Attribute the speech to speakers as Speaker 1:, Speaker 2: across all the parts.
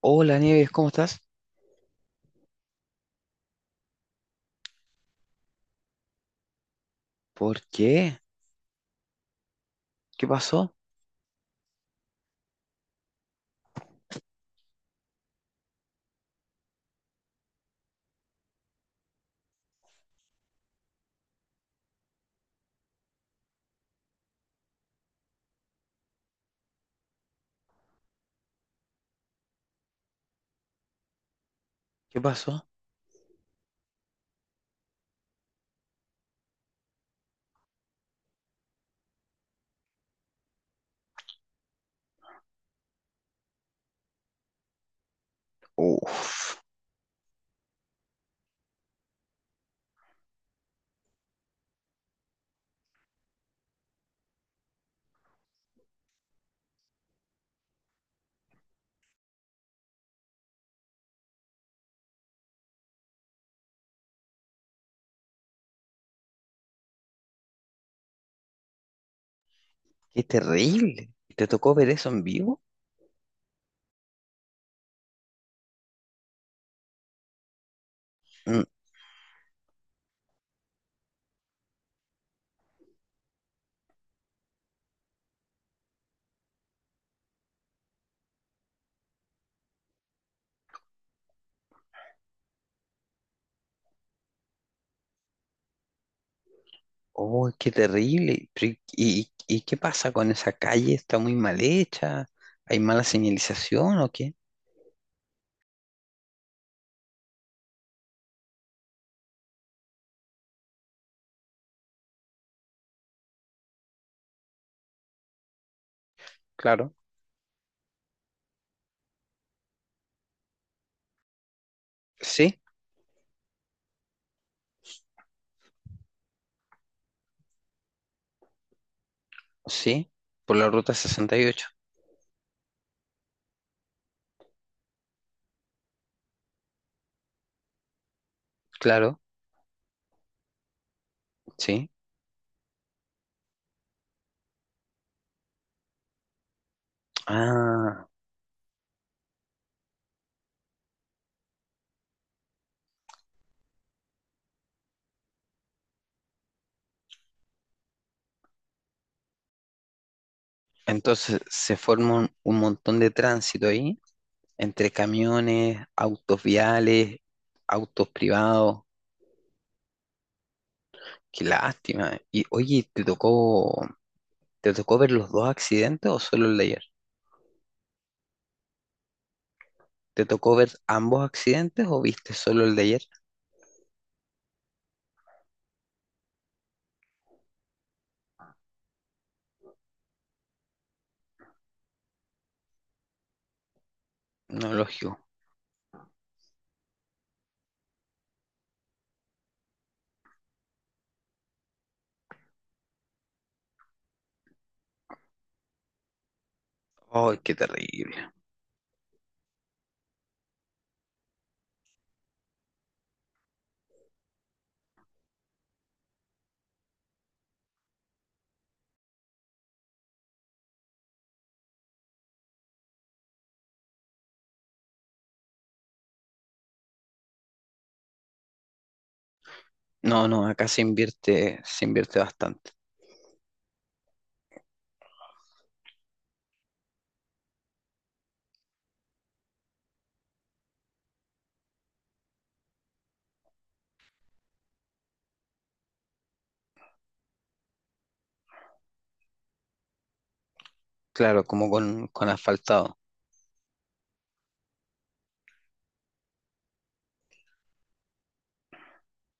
Speaker 1: Hola Nieves, ¿cómo estás? ¿Por qué? ¿Qué pasó? ¿Qué pasó? Uf, qué terrible. ¿Te tocó ver eso en vivo? Mm. Oh, qué terrible. Pero ¿y, y qué pasa con esa calle? ¿Está muy mal hecha? ¿Hay mala señalización o qué? Claro. Sí, sí. Por la ruta 68. Claro, sí. Ah, entonces se forma un montón de tránsito ahí, entre camiones, autos viales, autos privados. Qué lástima. Y oye, ¿te tocó ver los dos accidentes o solo el de ayer? ¿Te tocó ver ambos accidentes o viste solo el de ayer? No, lógico. Ay, qué terrible. No, no, acá se invierte bastante. Claro, como con asfaltado.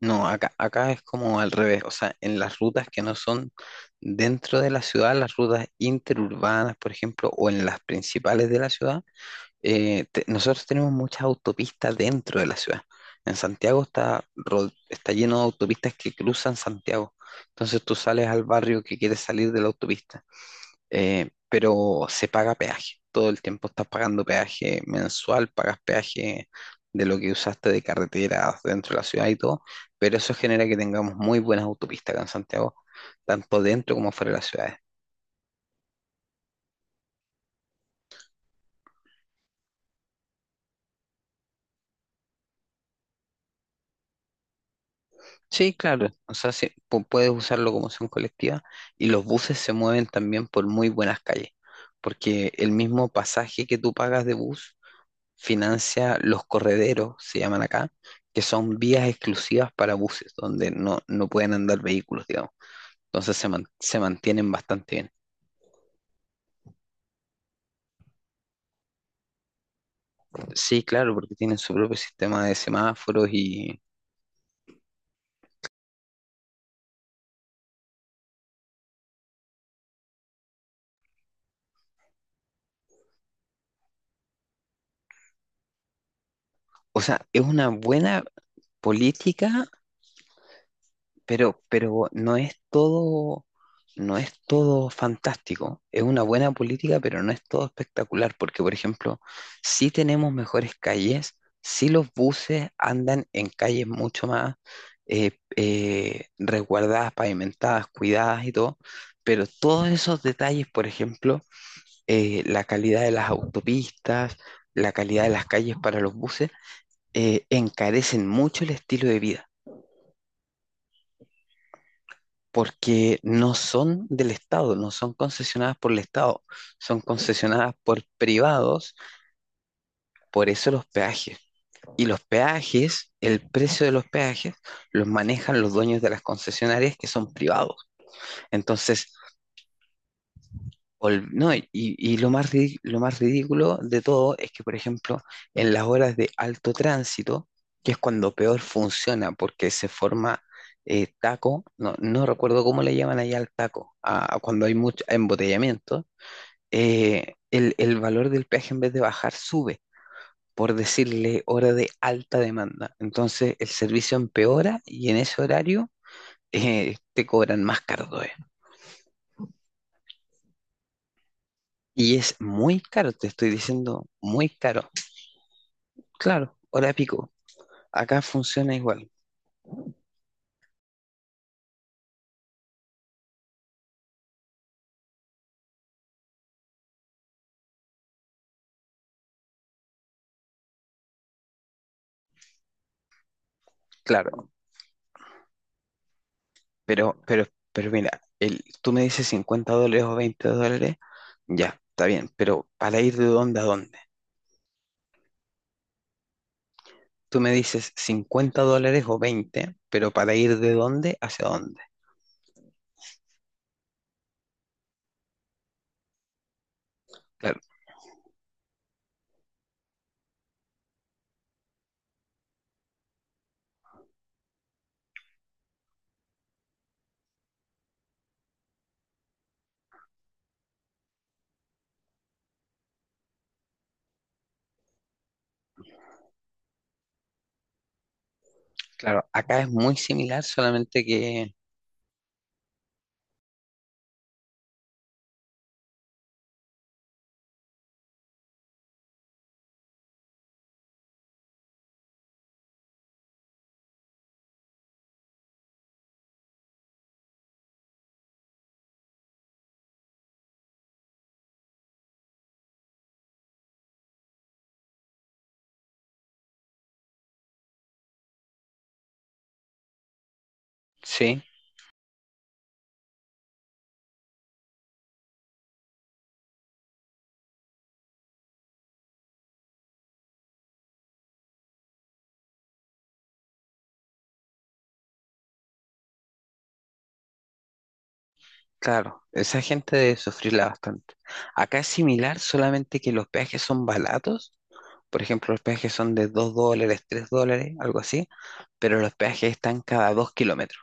Speaker 1: No, acá es como al revés. O sea, en las rutas que no son dentro de la ciudad, las rutas interurbanas, por ejemplo, o en las principales de la ciudad, nosotros tenemos muchas autopistas dentro de la ciudad. En Santiago está, está lleno de autopistas que cruzan Santiago. Entonces tú sales al barrio que quieres salir de la autopista, pero se paga peaje. Todo el tiempo estás pagando peaje mensual, pagas peaje de lo que usaste de carreteras dentro de la ciudad y todo, pero eso genera que tengamos muy buenas autopistas acá en Santiago, tanto dentro como fuera de las ciudades. Sí, claro, o sea, sí, puedes usar locomoción colectiva y los buses se mueven también por muy buenas calles, porque el mismo pasaje que tú pagas de bus financia los correderos, se llaman acá, que son vías exclusivas para buses, donde no, no pueden andar vehículos, digamos. Entonces se, se mantienen bastante bien. Sí, claro, porque tienen su propio sistema de semáforos y, o sea, es una buena política. Pero no es todo, no es todo fantástico. Es una buena política, pero no es todo espectacular, porque, por ejemplo, sí tenemos mejores calles, sí los buses andan en calles mucho más resguardadas, pavimentadas, cuidadas y todo, pero todos esos detalles, por ejemplo, la calidad de las autopistas, la calidad de las calles para los buses, encarecen mucho el estilo de vida. Porque no son del Estado, no son concesionadas por el Estado, son concesionadas por privados, por eso los peajes. Y los peajes, el precio de los peajes, los manejan los dueños de las concesionarias que son privados. Entonces, no, y lo más lo más ridículo de todo es que, por ejemplo, en las horas de alto tránsito, que es cuando peor funciona, porque se forma taco, no, no recuerdo cómo le llaman allá al taco, a cuando hay mucho embotellamiento, el valor del peaje en vez de bajar sube, por decirle hora de alta demanda. Entonces el servicio empeora y en ese horario te cobran más caro todavía. Y es muy caro, te estoy diciendo, muy caro. Claro, hora pico. Acá funciona igual, claro, pero, pero, pero mira, tú me dices $50 o $20, ya, está bien, pero para ir de dónde a dónde. Tú me dices 50 dólares o 20, pero para ir de dónde hacia dónde. Claro, claro, acá es muy similar, solamente que, sí, claro, esa gente debe sufrirla bastante. Acá es similar, solamente que los peajes son baratos, por ejemplo, los peajes son de $2, $3, algo así, pero los peajes están cada 2 kilómetros,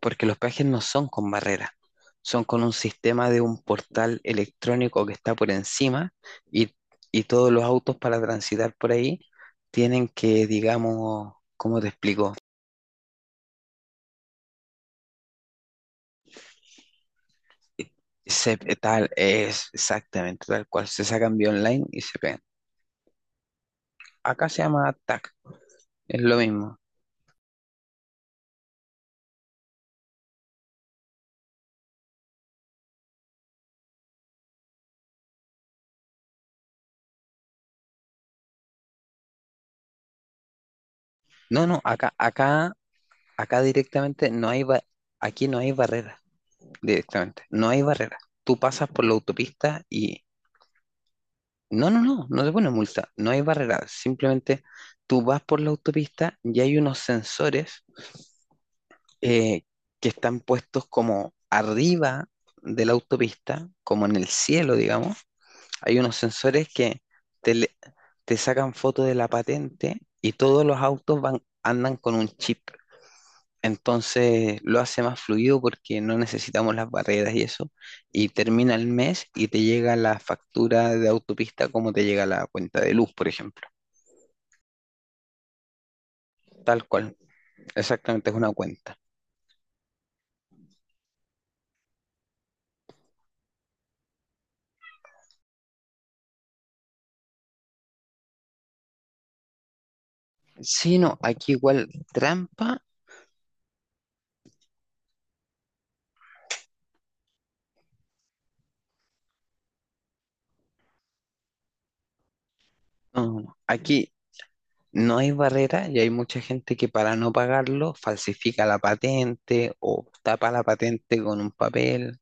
Speaker 1: porque los peajes no son con barrera, son con un sistema de un portal electrónico que está por encima y, y todos los autos para transitar por ahí tienen que, digamos, ¿cómo te explico? Se, tal, es exactamente tal cual, se sacan vía online y se pegan. Acá se llama TAC, es lo mismo. No, no, acá directamente no hay, aquí no hay barrera, directamente, no hay barrera. Tú pasas por la autopista y no, no, no, no te pone multa, no hay barrera, simplemente tú vas por la autopista y hay unos sensores eh, que están puestos como arriba de la autopista, como en el cielo, digamos. Hay unos sensores que te, te sacan foto de la patente y todos los autos van, andan con un chip. Entonces lo hace más fluido porque no necesitamos las barreras y eso. Y termina el mes y te llega la factura de autopista como te llega la cuenta de luz, por ejemplo. Tal cual, exactamente es una cuenta. Sí, no, aquí igual trampa, no, no, aquí no hay barrera y hay mucha gente que para no pagarlo falsifica la patente o tapa la patente con un papel.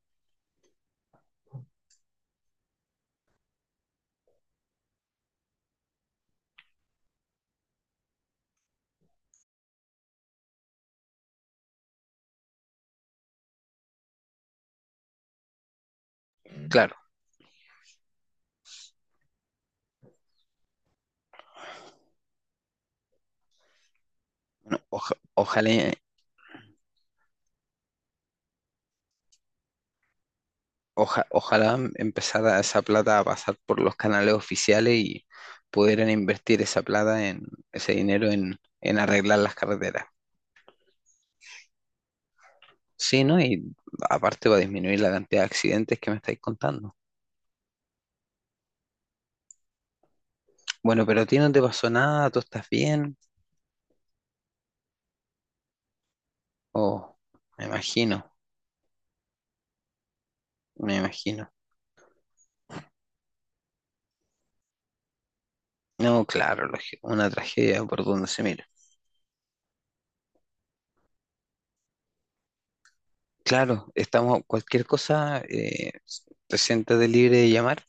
Speaker 1: Claro, ojalá, ojalá empezara esa plata a pasar por los canales oficiales y pudieran invertir esa plata en ese dinero en arreglar las carreteras. Sí, ¿no? Y aparte va a disminuir la cantidad de accidentes que me estáis contando. Bueno, pero a ti no te pasó nada, tú estás bien. Oh, me imagino, me imagino. No, claro, lógico, una tragedia por donde se mira. Claro, estamos, cualquier cosa, te siéntate libre de llamar.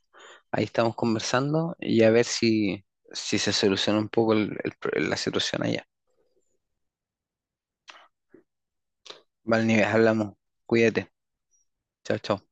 Speaker 1: Ahí estamos conversando y a ver si, si se soluciona un poco el la situación allá. Vale Valnives, hablamos. Cuídate. Chao, chao.